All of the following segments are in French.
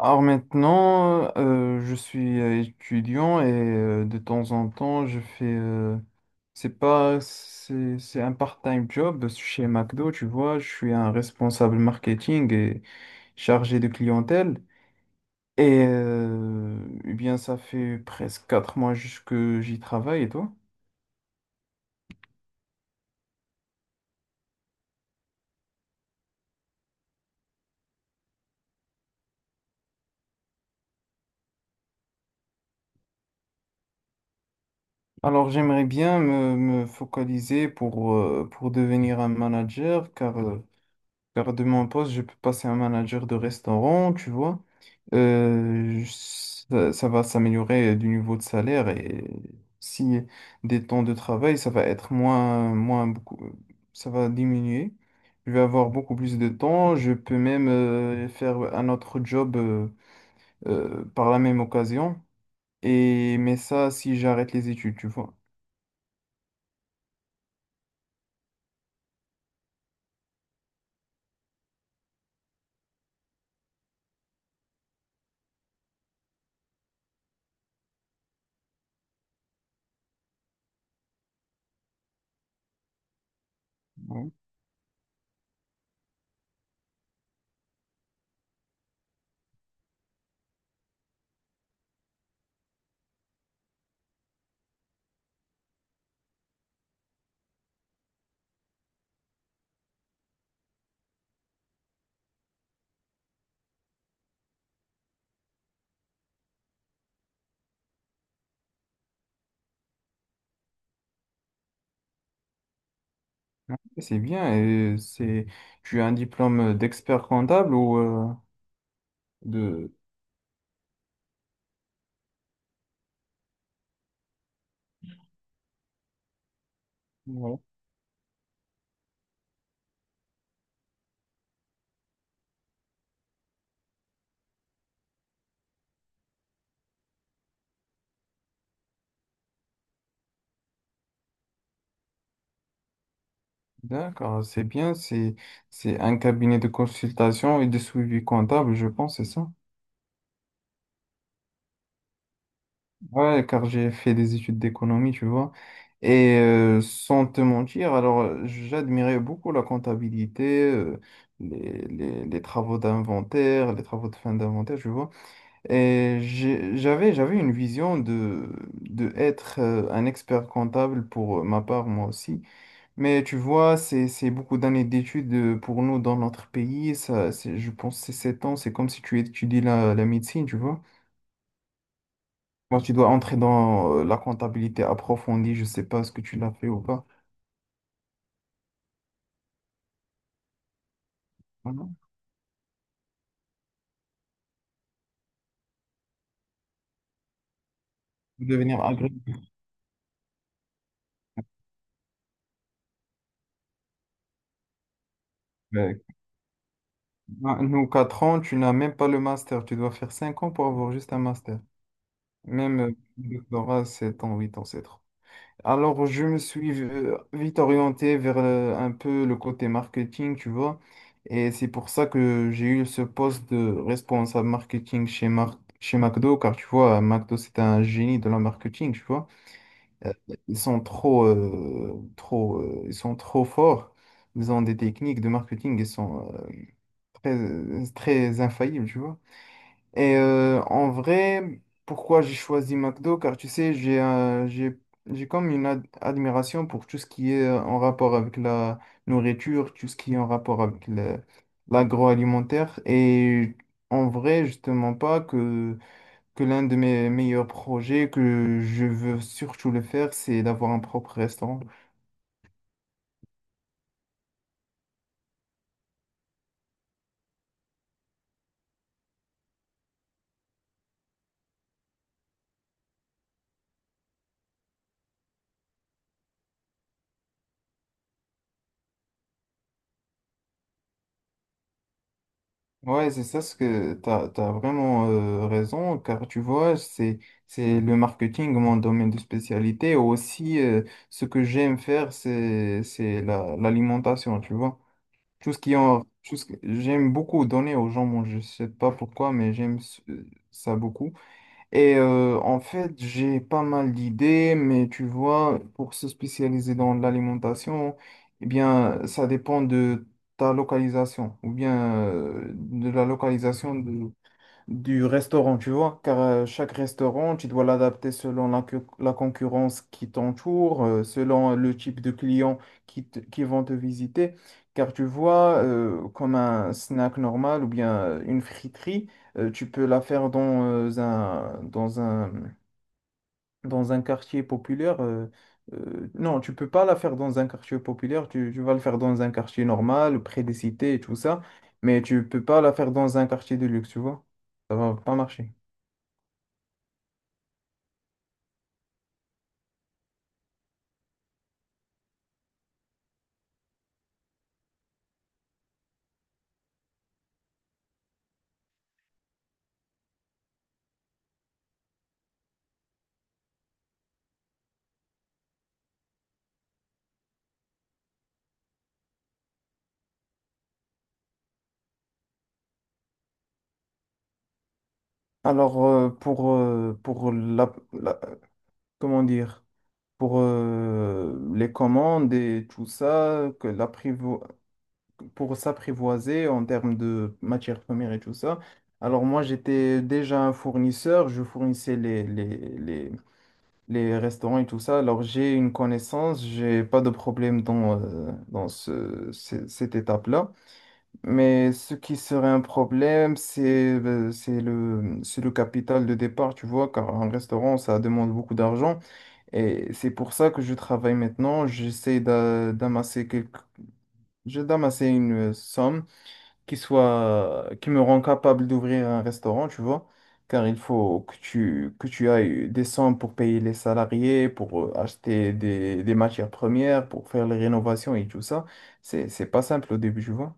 Alors maintenant, je suis étudiant et de temps en temps, je fais, c'est pas, c'est un part-time job chez McDo, tu vois, je suis un responsable marketing et chargé de clientèle. Et euh, eh bien, ça fait presque 4 mois juste que j'y travaille et toi? Alors, j'aimerais bien me focaliser pour devenir un manager, car de mon poste, je peux passer un manager de restaurant, tu vois. Euh, je- ça va s'améliorer du niveau de salaire et si des temps de travail, ça va être moins beaucoup, ça va diminuer. Je vais avoir beaucoup plus de temps. Je peux même faire un autre job par la même occasion. Et, mais ça, si j'arrête les études, tu vois. C'est bien. Tu as un diplôme d'expert comptable ou de... Ouais. D'accord, c'est bien. C'est un cabinet de consultation et de suivi comptable, je pense, c'est ça. Ouais, car j'ai fait des études d'économie, tu vois. Et sans te mentir, alors j'admirais beaucoup la comptabilité, les travaux d'inventaire, les travaux de fin d'inventaire, tu vois. J'avais une vision de être un expert comptable pour ma part, moi aussi. Mais tu vois, c'est beaucoup d'années d'études pour nous dans notre pays. Je pense que c'est 7 ans. C'est comme si tu étudies la médecine, tu vois. Moi, tu dois entrer dans la comptabilité approfondie. Je sais pas ce que tu l'as fait ou pas. Voilà. Pour devenir agrégé. Euh, Nous, 4 ans, tu n'as même pas le master. Tu dois faire 5 ans pour avoir juste un master. Même Le doctorat, 7 ans, 8 ans, c'est trop. Alors, je me suis vite orienté vers un peu le côté marketing, tu vois. Et c'est pour ça que j'ai eu ce poste de responsable marketing chez McDo, car tu vois, McDo, c'est un génie de la marketing, tu vois. Euh, Ils sont ils sont trop forts. Ils ont des techniques de marketing, ils sont très, très infaillibles, tu vois. Et en vrai, pourquoi j'ai choisi McDo? Car tu sais, j'ai comme une admiration pour tout ce qui est en rapport avec la nourriture, tout ce qui est en rapport avec l'agroalimentaire. Et en vrai, justement pas que, que l'un de mes meilleurs projets que je veux surtout le faire, c'est d'avoir un propre restaurant. Ouais, c'est ça ce que tu as, vraiment raison, car tu vois, c'est le marketing, mon domaine de spécialité. Aussi, ce que j'aime faire, l'alimentation, tu vois. Tout ce qui en, tout ce que- J'aime beaucoup donner aux gens, bon, je sais pas pourquoi, mais j'aime ça beaucoup. Et en fait, j'ai pas mal d'idées, mais tu vois, pour se spécialiser dans l'alimentation, eh bien, ça dépend de ta localisation ou bien de la localisation du restaurant, tu vois, car chaque restaurant, tu dois l'adapter selon la concurrence qui t'entoure, selon le type de clients qui vont te visiter, car tu vois, comme un snack normal ou bien une friterie, tu peux la faire dans un, dans un dans un quartier populaire, non, tu peux pas la faire dans un quartier populaire, tu vas le faire dans un quartier normal, près des cités et tout ça, mais tu peux pas la faire dans un quartier de luxe, tu vois. Ça va pas marcher. Alors, comment dire, pour les commandes et tout ça, pour s'apprivoiser en termes de matières premières et tout ça, alors moi, j'étais déjà un fournisseur, je fournissais les restaurants et tout ça. Alors, j'ai une connaissance, j'ai pas de problème dans, cette étape-là. Mais ce qui serait un problème, c'est le capital de départ, tu vois, car un restaurant, ça demande beaucoup d'argent. Et c'est pour ça que je travaille maintenant. D'amasser quelques, je d'amasser une somme qui me rend capable d'ouvrir un restaurant, tu vois, car il faut que tu ailles des sommes pour payer les salariés, pour acheter des matières premières, pour faire les rénovations et tout ça. C'est pas simple au début, tu vois.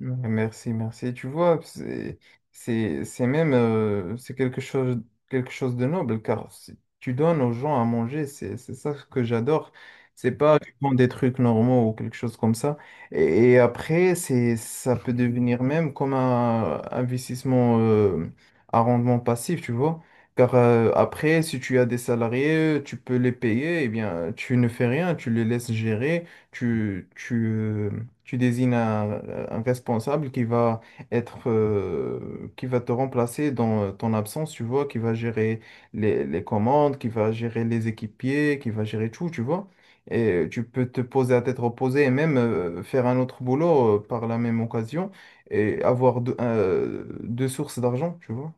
Ouais, merci, merci. Tu vois, c'est quelque chose de noble, car si tu donnes aux gens à manger, c'est ça que j'adore. C'est pas tu prends des trucs normaux ou quelque chose comme ça. Et après, ça peut devenir même comme un investissement à rendement passif, tu vois. Car après, si tu as des salariés, tu peux les payer, et bien, tu ne fais rien, tu les laisses gérer tu, tu, euh, tu désignes un responsable qui va être, qui va te remplacer dans ton absence, tu vois, qui va gérer les commandes, qui va gérer les équipiers, qui va gérer tout, tu vois. Et tu peux te poser à tête reposée et même faire un autre boulot par la même occasion et avoir deux sources d'argent, tu vois.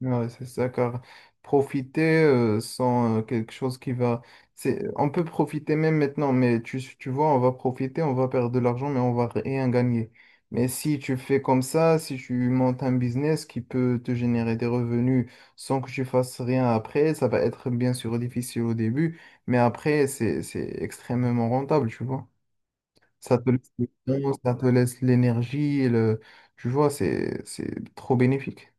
Ouais, c'est ça, car profiter sans quelque chose qui va... C'est... On peut profiter même maintenant, mais tu vois, on va profiter, on va perdre de l'argent, mais on va rien gagner. Mais si tu fais comme ça, si tu montes un business qui peut te générer des revenus sans que tu fasses rien après, ça va être bien sûr difficile au début, mais après, c'est extrêmement rentable, tu vois. Ça te laisse le temps, ça te laisse l'énergie, le... tu vois, c'est trop bénéfique.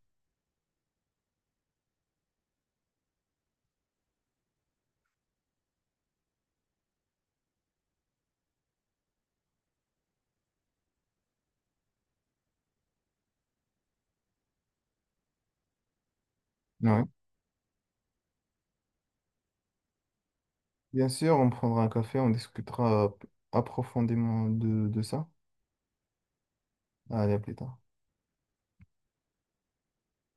Ouais. Bien sûr, on prendra un café, on discutera approfondément de ça. Allez, à plus tard.